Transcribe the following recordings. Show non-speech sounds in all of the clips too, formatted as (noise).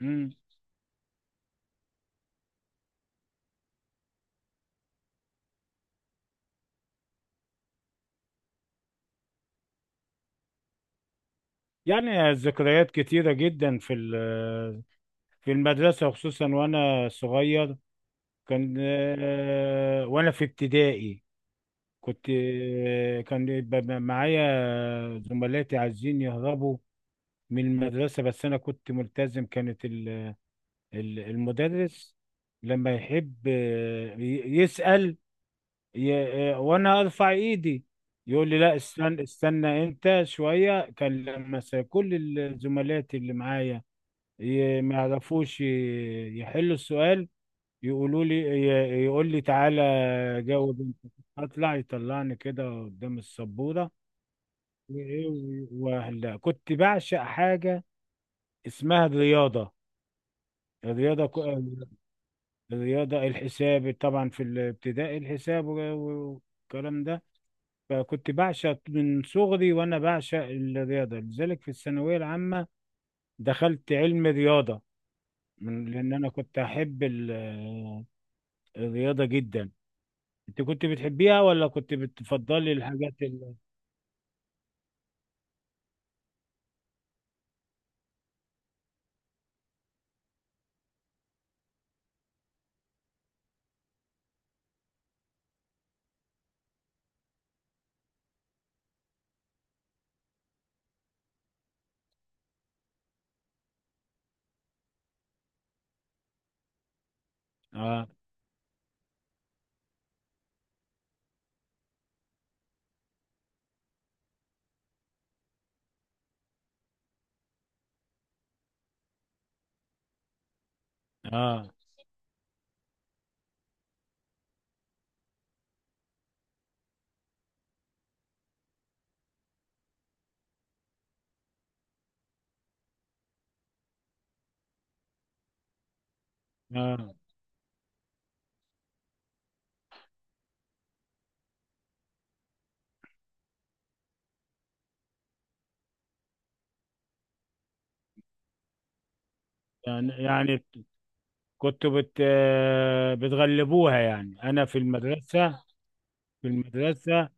مم. يعني ذكريات كتيرة جدا في المدرسة خصوصا وأنا صغير. كان آه، وأنا في ابتدائي كنت آه، كان يبقى معايا زملاتي عايزين يهربوا من المدرسة، بس أنا كنت ملتزم. المدرس لما يحب يسأل، وأنا أرفع إيدي يقول لي لا، استنى استنى أنت شوية. كل الزملات اللي معايا ما يعرفوش يحلوا السؤال، يقول لي تعالى جاوب انت، اطلع، يطلعني كده قدام السبوره. وهلا كنت بعشق حاجه اسمها الرياضه. الرياضه ك- الرياضه الحساب، طبعا في الابتدائي الحساب والكلام ده. فكنت بعشق من صغري، وانا بعشق الرياضه، لذلك في الثانويه العامه دخلت علم رياضه، لان انا كنت احب الرياضه جدا. انت كنت بتحبيها، ولا كنت بتفضلي الحاجات ال...؟ اه، اه، اه. يعني كنت بت آه، بتغلبوها يعني. انا في المدرسة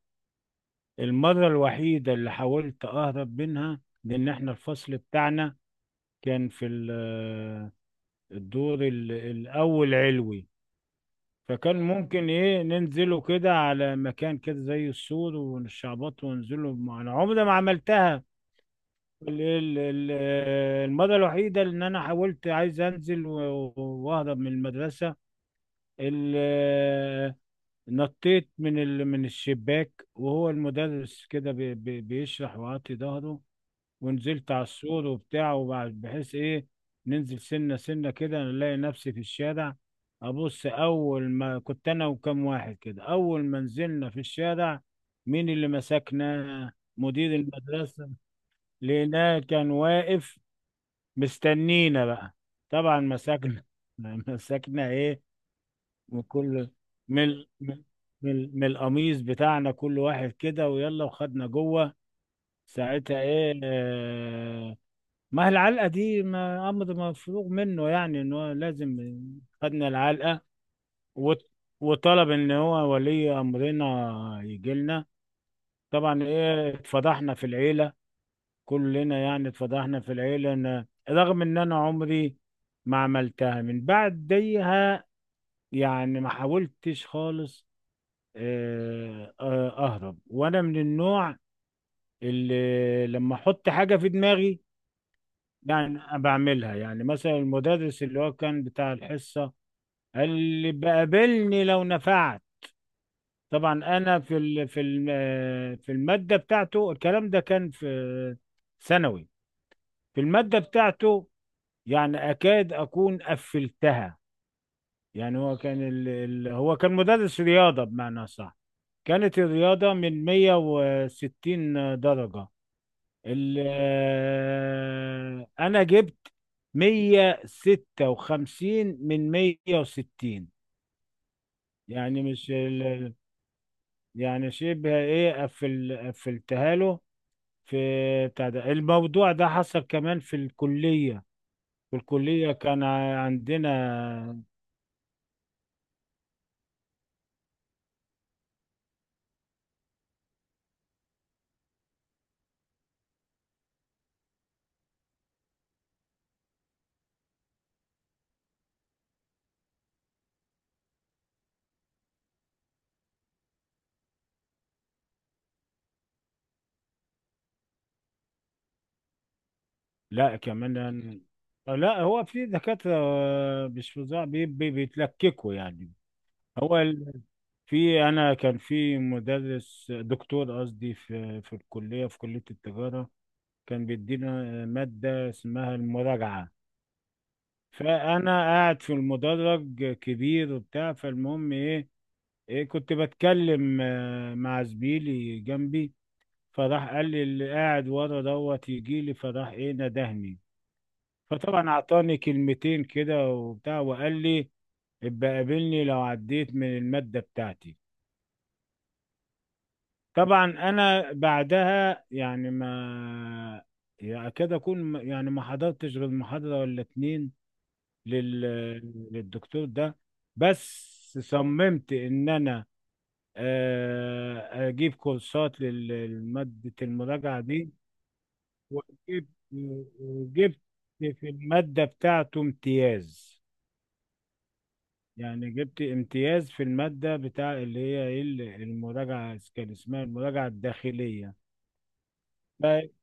المرة الوحيدة اللي حاولت اهرب منها، لان احنا الفصل بتاعنا كان في ال- آه، الدور الاول علوي. فكان ممكن ايه ننزله كده على مكان كده زي السور ونشعبط وننزله. انا عمري ما عملتها. ال- ال- ال- المرة الوحيدة اللي أنا حاولت عايز أنزل وأهرب من المدرسة، ال- نطيت من الشباك، وهو المدرس كده بيشرح وعطي ظهره، ونزلت على السور وبتاع، وبعد بحيث إيه ننزل سنة سنة كده نلاقي نفسي في الشارع. أبص، أول ما كنت أنا وكم واحد كده أول ما نزلنا في الشارع، مين اللي مسكنا؟ مدير المدرسة، لقيناه كان واقف مستنينا بقى. طبعا مسكنا (laughs) ايه من كل من من من من القميص بتاعنا كل واحد كده، ويلا وخدنا جوه. ساعتها ايه آه ما هي العلقه دي ما امر مفروغ منه، يعني ان هو لازم خدنا العلقه، وط- وطلب ان هو ولي امرنا يجي لنا. طبعا ايه اتفضحنا في العيله، كلنا. يعني اتفضحنا في العيلة. أنا رغم إن أنا عمري ما عملتها من بعديها، يعني ما حاولتش خالص أهرب. وأنا من النوع اللي لما أحط حاجة في دماغي يعني أنا بعملها. يعني مثلا المدرس اللي هو كان بتاع الحصة قال لي بقابلني لو نفعت. طبعا أنا في ال- في الم- آه، في المادة بتاعته، الكلام ده كان في ثانوي. في المادة بتاعته يعني اكاد اكون قفلتها. يعني هو كان هو كان مدرس رياضه، بمعنى صح. كانت الرياضه من 160 درجه، ال... آه، انا جبت 156 من 160. يعني مش ال... يعني شبه ايه قفلتها له. في بتاع ده، الموضوع ده حصل كمان في الكليه. في الكليه كان عندنا لا كمان. لا، هو في دكاترة مش فظاع، بيتلككوا يعني. هو ال- في، أنا كان في مدرس دكتور، قصدي في الكلية، في كلية التجارة، كان بيدينا مادة اسمها المراجعة. فأنا قاعد في المدرج كبير وبتاع، فالمهم إيه، إيه كنت بتكلم مع زميلي جنبي. فراح قال لي اللي قاعد ورا دوت يجي لي، فراح إيه ندهني. فطبعا اعطاني كلمتين كده وبتاع، وقال لي ابقى قابلني لو عديت من المادة بتاعتي. طبعا انا بعدها يعني ما يعني اكاد اكون م- يعني ما حضرتش غير محاضرة ولا اتنين لل... للدكتور ده. بس صممت ان انا اجيب كورسات لمادة المراجعة دي. وجبت وجبت في المادة بتاعته امتياز. يعني جبت امتياز في المادة بتاع اللي هي ايه المراجعة، كان اسمها المراجعة الداخلية. ف-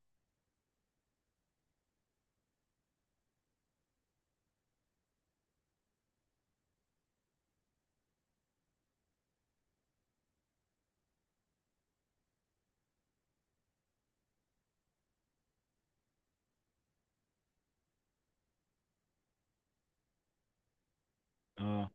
اه،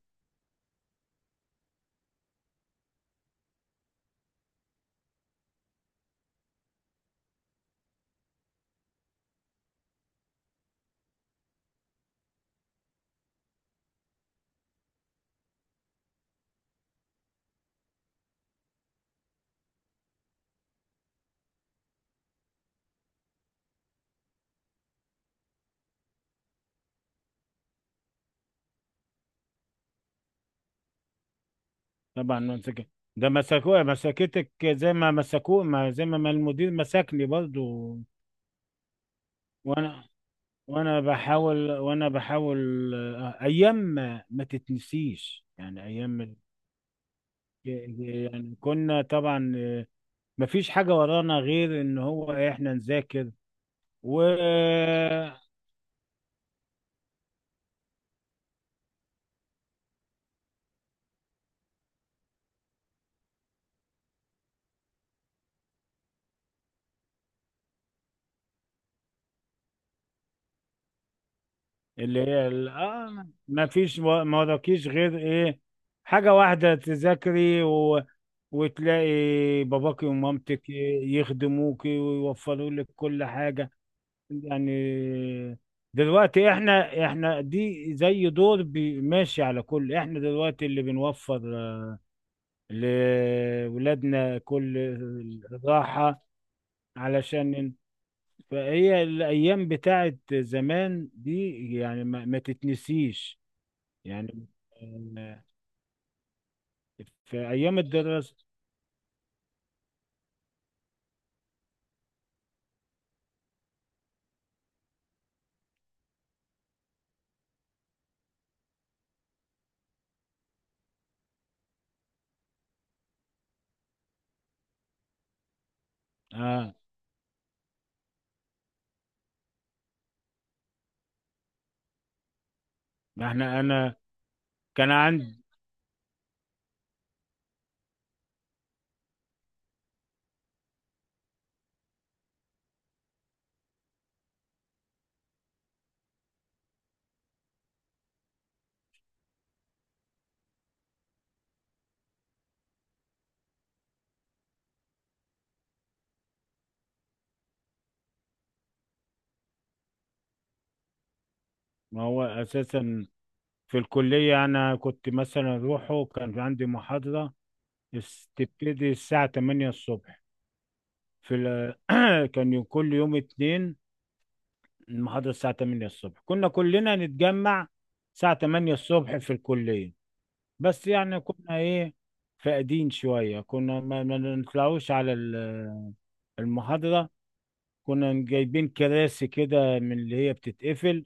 طبعا ده مسكوها. مسكتك زي ما مسكوه، ما زي ما ما المدير مسكني برضو. وانا وانا بحاول ايام ما تتنسيش. يعني ايام ما- يعني كنا طبعا ما فيش حاجة ورانا غير ان هو إيه، احنا نذاكر. و اللي هي ما فيش ما وراكيش غير ايه حاجة واحدة، تذاكري و... وتلاقي باباكي ومامتك يخدموكي ويوفروا لك كل حاجة. يعني دلوقتي احنا دي زي دور ماشي على كل. احنا دلوقتي اللي بنوفر لولادنا كل الراحة علشان فهي الأيام بتاعت زمان دي يعني ما تتنسيش. يعني آه، في ايام الدراسه. اه، ما احنا انا كان عندي. ما هو اساسا في الكليه انا كنت مثلا اروحه، كان عندي محاضره تبتدي الساعه 8 الصبح. في ال... (clears throat) كان كل يوم اتنين المحاضره الساعه 8 الصبح. كنا كلنا نتجمع الساعه 8 الصبح في الكليه. بس يعني كنا ايه فاقدين شويه، كنا ما نطلعوش على المحاضرة. كنا جايبين كراسي كده من اللي هي بتتقفل،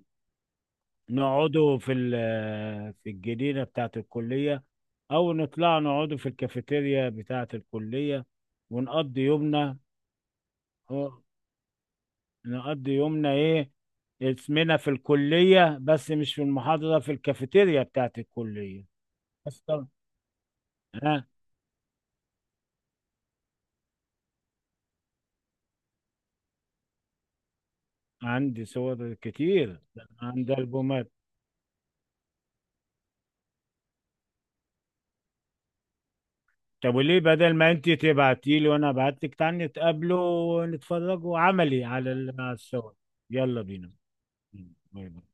نقعدوا في ال- آه، في الجنينة بتاعة الكلية، أو نطلع نقعدوا في الكافيتيريا بتاعة الكلية ونقضي يومنا. أه، نقضي يومنا إيه؟ اسمنا في الكلية بس مش في المحاضرة، في الكافيتيريا بتاعة الكلية أصلا. ها، عندي صور كتير. عندي ألبومات. طب وليه بدل ما انت تبعتي لي وانا ابعت لك، تعالى نتقابلوا ونتفرجوا عملي على الصور. يلا بينا، باي باي.